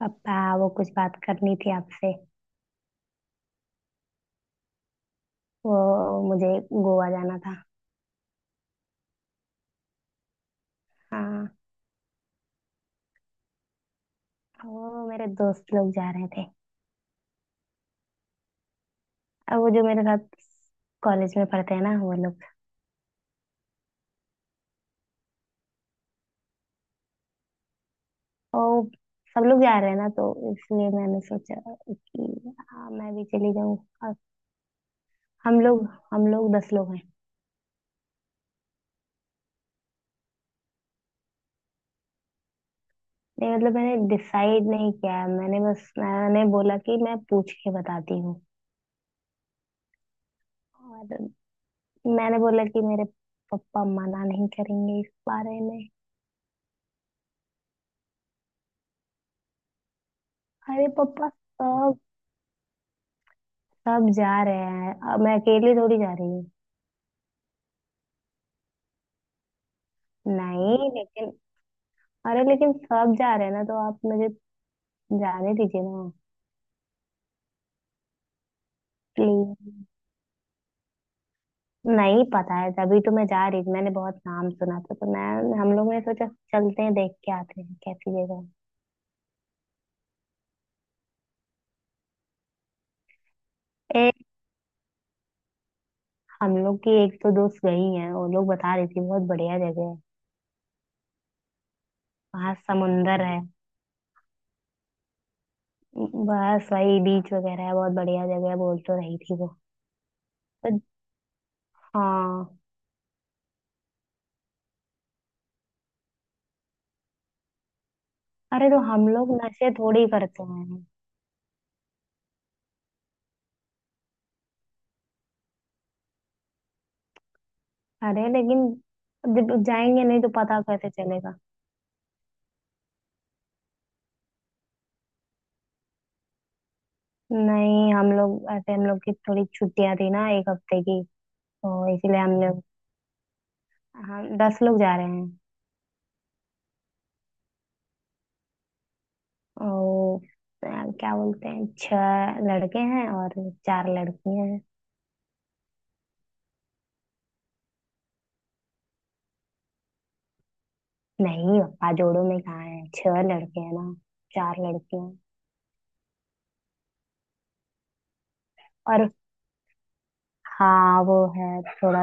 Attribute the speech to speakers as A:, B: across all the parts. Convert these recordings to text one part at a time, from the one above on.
A: पापा, वो कुछ बात करनी थी आपसे। वो, मुझे गोवा जाना था। हाँ। वो, मेरे दोस्त लोग जा रहे थे। अब वो जो मेरे साथ कॉलेज में पढ़ते हैं ना, वो लोग। वो, सब लोग जा रहे हैं ना तो इसलिए मैंने सोचा कि हाँ, मैं भी चली जाऊँ। और हम लोग हम लोग 10 लोग हैं। नहीं, मतलब मैंने डिसाइड नहीं किया है, मैंने बोला कि मैं पूछ के बताती हूँ। और मैंने बोला कि मेरे पापा मना नहीं करेंगे इस बारे में। अरे पापा, सब सब जा रहे हैं, अब मैं अकेली थोड़ी जा रही हूँ। नहीं, लेकिन सब जा रहे हैं ना, तो आप मुझे जाने दीजिए ना। प्लीज। नहीं, पता है, तभी तो मैं जा रही थी। मैंने बहुत नाम सुना था तो मैं हम लोग ने सोचा, चलते हैं, देख के आते हैं कैसी जगह। है एक हम लोग की एक तो दोस्त गई है, वो लोग बता रही थी बहुत बढ़िया जगह है। वहाँ समुंदर है। बस वही बीच वगैरह है, बहुत बढ़िया जगह है, बोल तो रही थी वो। तो हाँ। अरे तो हम लोग नशे थोड़ी करते हैं। अरे लेकिन जब जाएंगे नहीं तो पता कैसे चलेगा? नहीं, हम लोग की थोड़ी छुट्टियां थी ना, एक हफ्ते की। तो इसलिए हम 10 लोग जा रहे हैं। और क्या बोलते हैं, छह लड़के हैं और चार लड़कियां हैं। नहीं पापा, जोड़ों में कहाँ है, छह लड़के हैं ना, चार लड़कियां हैं। और हाँ, वो है थोड़ा।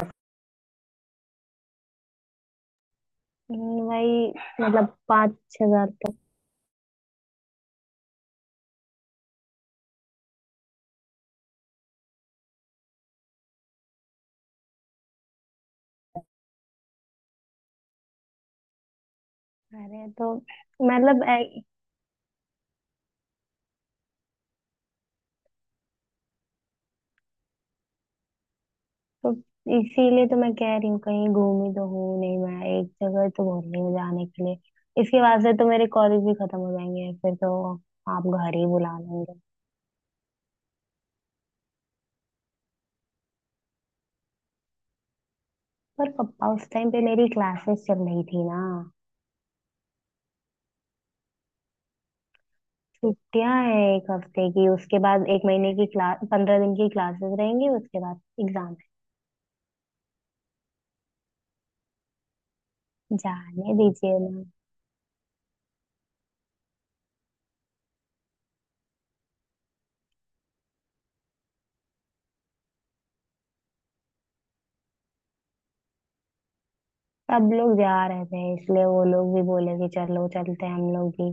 A: वही, मतलब 5-6 हजार तक। अरे तो मतलब, तो इसीलिए तो मैं कह रही हूँ, कहीं घूमी तो हूँ नहीं, मैं एक जगह तो बोल रही हूँ जाने के लिए। इसके बाद से तो मेरे कॉलेज भी खत्म हो जाएंगे, फिर तो आप घर ही बुला लेंगे। पर पापा, उस टाइम पे मेरी क्लासेस चल रही थी ना। छुट्टियां हैं एक हफ्ते की, उसके बाद एक महीने की क्लास, 15 दिन की क्लासेस रहेंगी, उसके बाद एग्जाम है। जाने दीजिए ना। सब लोग जा रहे थे इसलिए वो लोग भी बोले कि चलो चलते हैं हम लोग भी।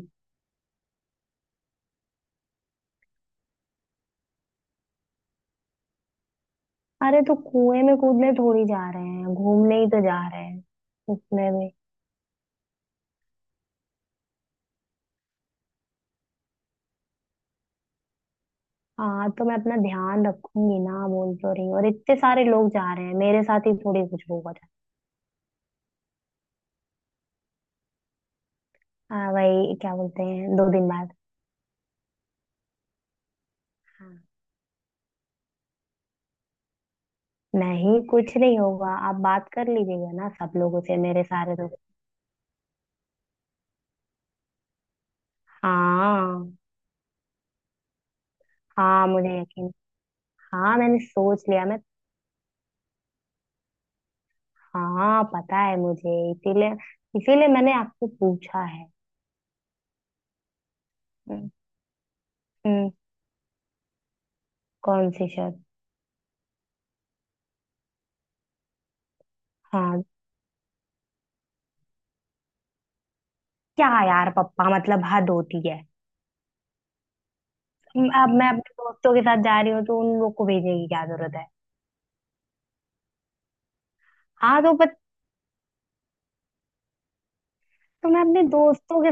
A: अरे तो कुएं में कूदने थोड़ी जा रहे हैं, घूमने ही तो जा रहे हैं। उसमें भी। हाँ तो मैं अपना ध्यान रखूंगी ना, बोल तो रही हूँ, और इतने सारे लोग जा रहे हैं, मेरे साथ ही थोड़ी कुछ होगा था। हाँ भाई, क्या बोलते हैं, 2 दिन बाद। हाँ। नहीं, कुछ नहीं होगा, आप बात कर लीजिएगा ना सब लोगों से, मेरे सारे दोस्त। हाँ। हाँ, मुझे यकीन। हाँ, मैंने सोच लिया मैं। हाँ, पता है मुझे, इसीलिए इसीलिए मैंने आपको पूछा है। हम्म। हम्म, कौन सी शर्त? हाँ। क्या यार पप्पा, मतलब हद होती है। अब मैं अपने दोस्तों के साथ जा रही हूँ तो उन लोग को भेजने की क्या जरूरत है? हाँ तो बट, तो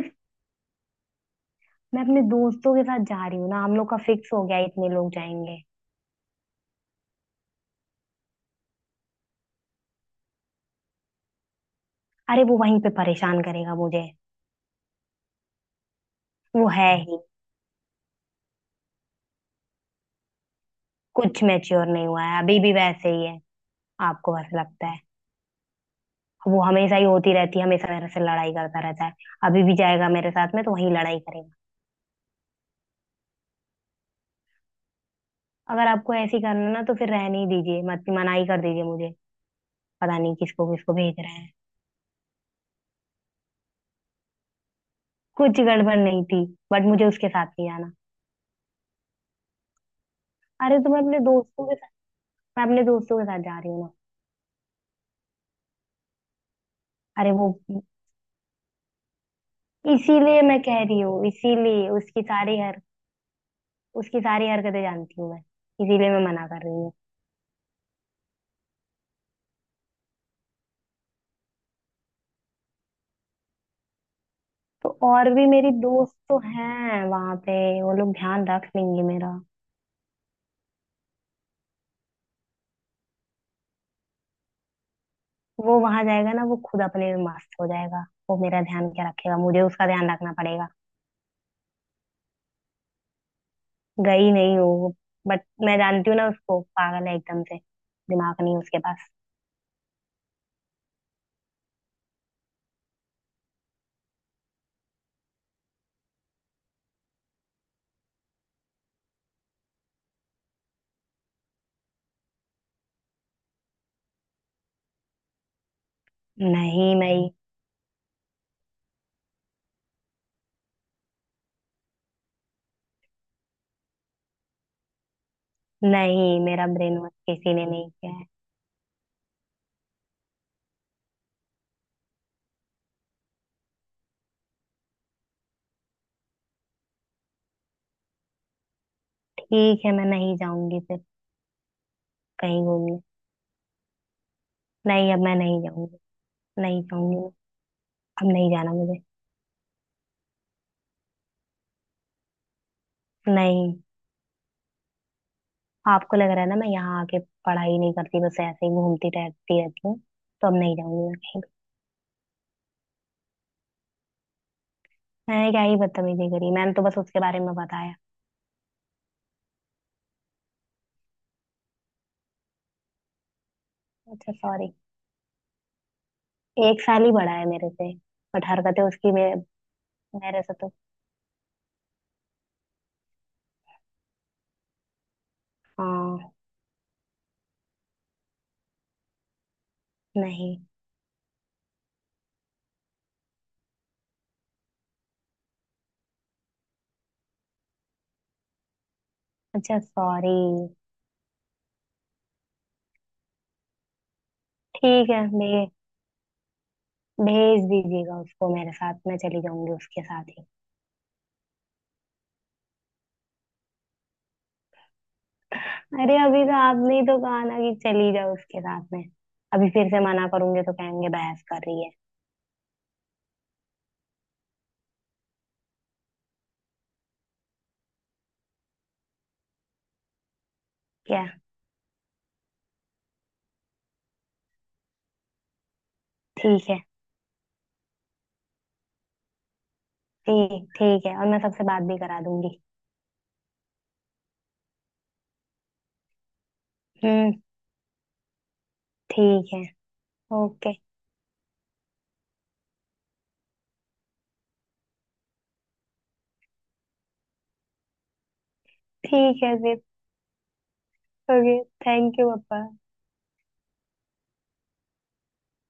A: मैं अपने दोस्तों के साथ जा रही हूँ ना, हम लोग का फिक्स हो गया है, इतने लोग जाएंगे। अरे वो वहीं पे परेशान करेगा मुझे। वो है ही। कुछ मैच्योर नहीं हुआ है, अभी भी वैसे ही है। आपको बस लगता है, वो हमेशा ही होती रहती है, हमेशा मेरे से लड़ाई करता रहता है। अभी भी जाएगा मेरे साथ में तो वहीं लड़ाई करेगा। अगर आपको ऐसे ही करना ना तो फिर रहने ही दीजिए, मत, मना ही कर दीजिए मुझे। पता नहीं किसको किसको भेज रहे हैं। कुछ गड़बड़ नहीं थी। बट मुझे उसके साथ नहीं जाना। अरे तो मैं अपने दोस्तों के साथ जा रही हूँ ना। अरे वो, इसीलिए मैं कह रही हूँ, इसीलिए उसकी सारी हरकतें जानती हूँ मैं। इसीलिए मैं मना कर रही हूँ। तो और भी मेरी दोस्त तो हैं वहां पे, वो लोग ध्यान रख लेंगे मेरा। वो वहां जाएगा ना, वो खुद अपने में मस्त हो जाएगा, वो मेरा ध्यान क्या रखेगा, मुझे उसका ध्यान रखना पड़ेगा। गई नहीं हो। बट मैं जानती हूँ ना उसको, पागल है एकदम से। दिमाग नहीं उसके पास। नहीं, मैं। नहीं, मेरा ब्रेन वॉश किसी ने नहीं किया है। ठीक है, मैं नहीं जाऊंगी फिर। कहीं घूमने। नहीं, अब मैं नहीं जाऊंगी। नहीं जाऊंगी मैं। अब नहीं जाना मुझे। नहीं। आपको लग रहा है ना, मैं यहाँ आके पढ़ाई नहीं करती, बस ऐसे ही घूमती टहलती रहती हूँ। तो अब नहीं जाऊंगी मैं कहीं भी। मैंने क्या ही बदतमीजी करी, मैंने तो बस उसके बारे में बताया। अच्छा, सॉरी। एक साल ही बड़ा है मेरे से। बट हरकतें उसकी मेरे। मेरे से तो। हाँ। नहीं। अच्छा, सॉरी। ठीक है, मैं, भेज दीजिएगा उसको मेरे साथ, मैं चली जाऊंगी उसके साथ ही। अरे अभी तो आपने ही तो कहा ना कि चली जाओ उसके साथ में। अभी फिर से मना करूंगी तो कहेंगे बहस कर रही है। क्या? ठीक है, ठीक ठीक है, और मैं सबसे बात भी करा दूंगी। हम्म। ठीक है। ओके। ठीक है फिर, ओके, थैंक यू पापा।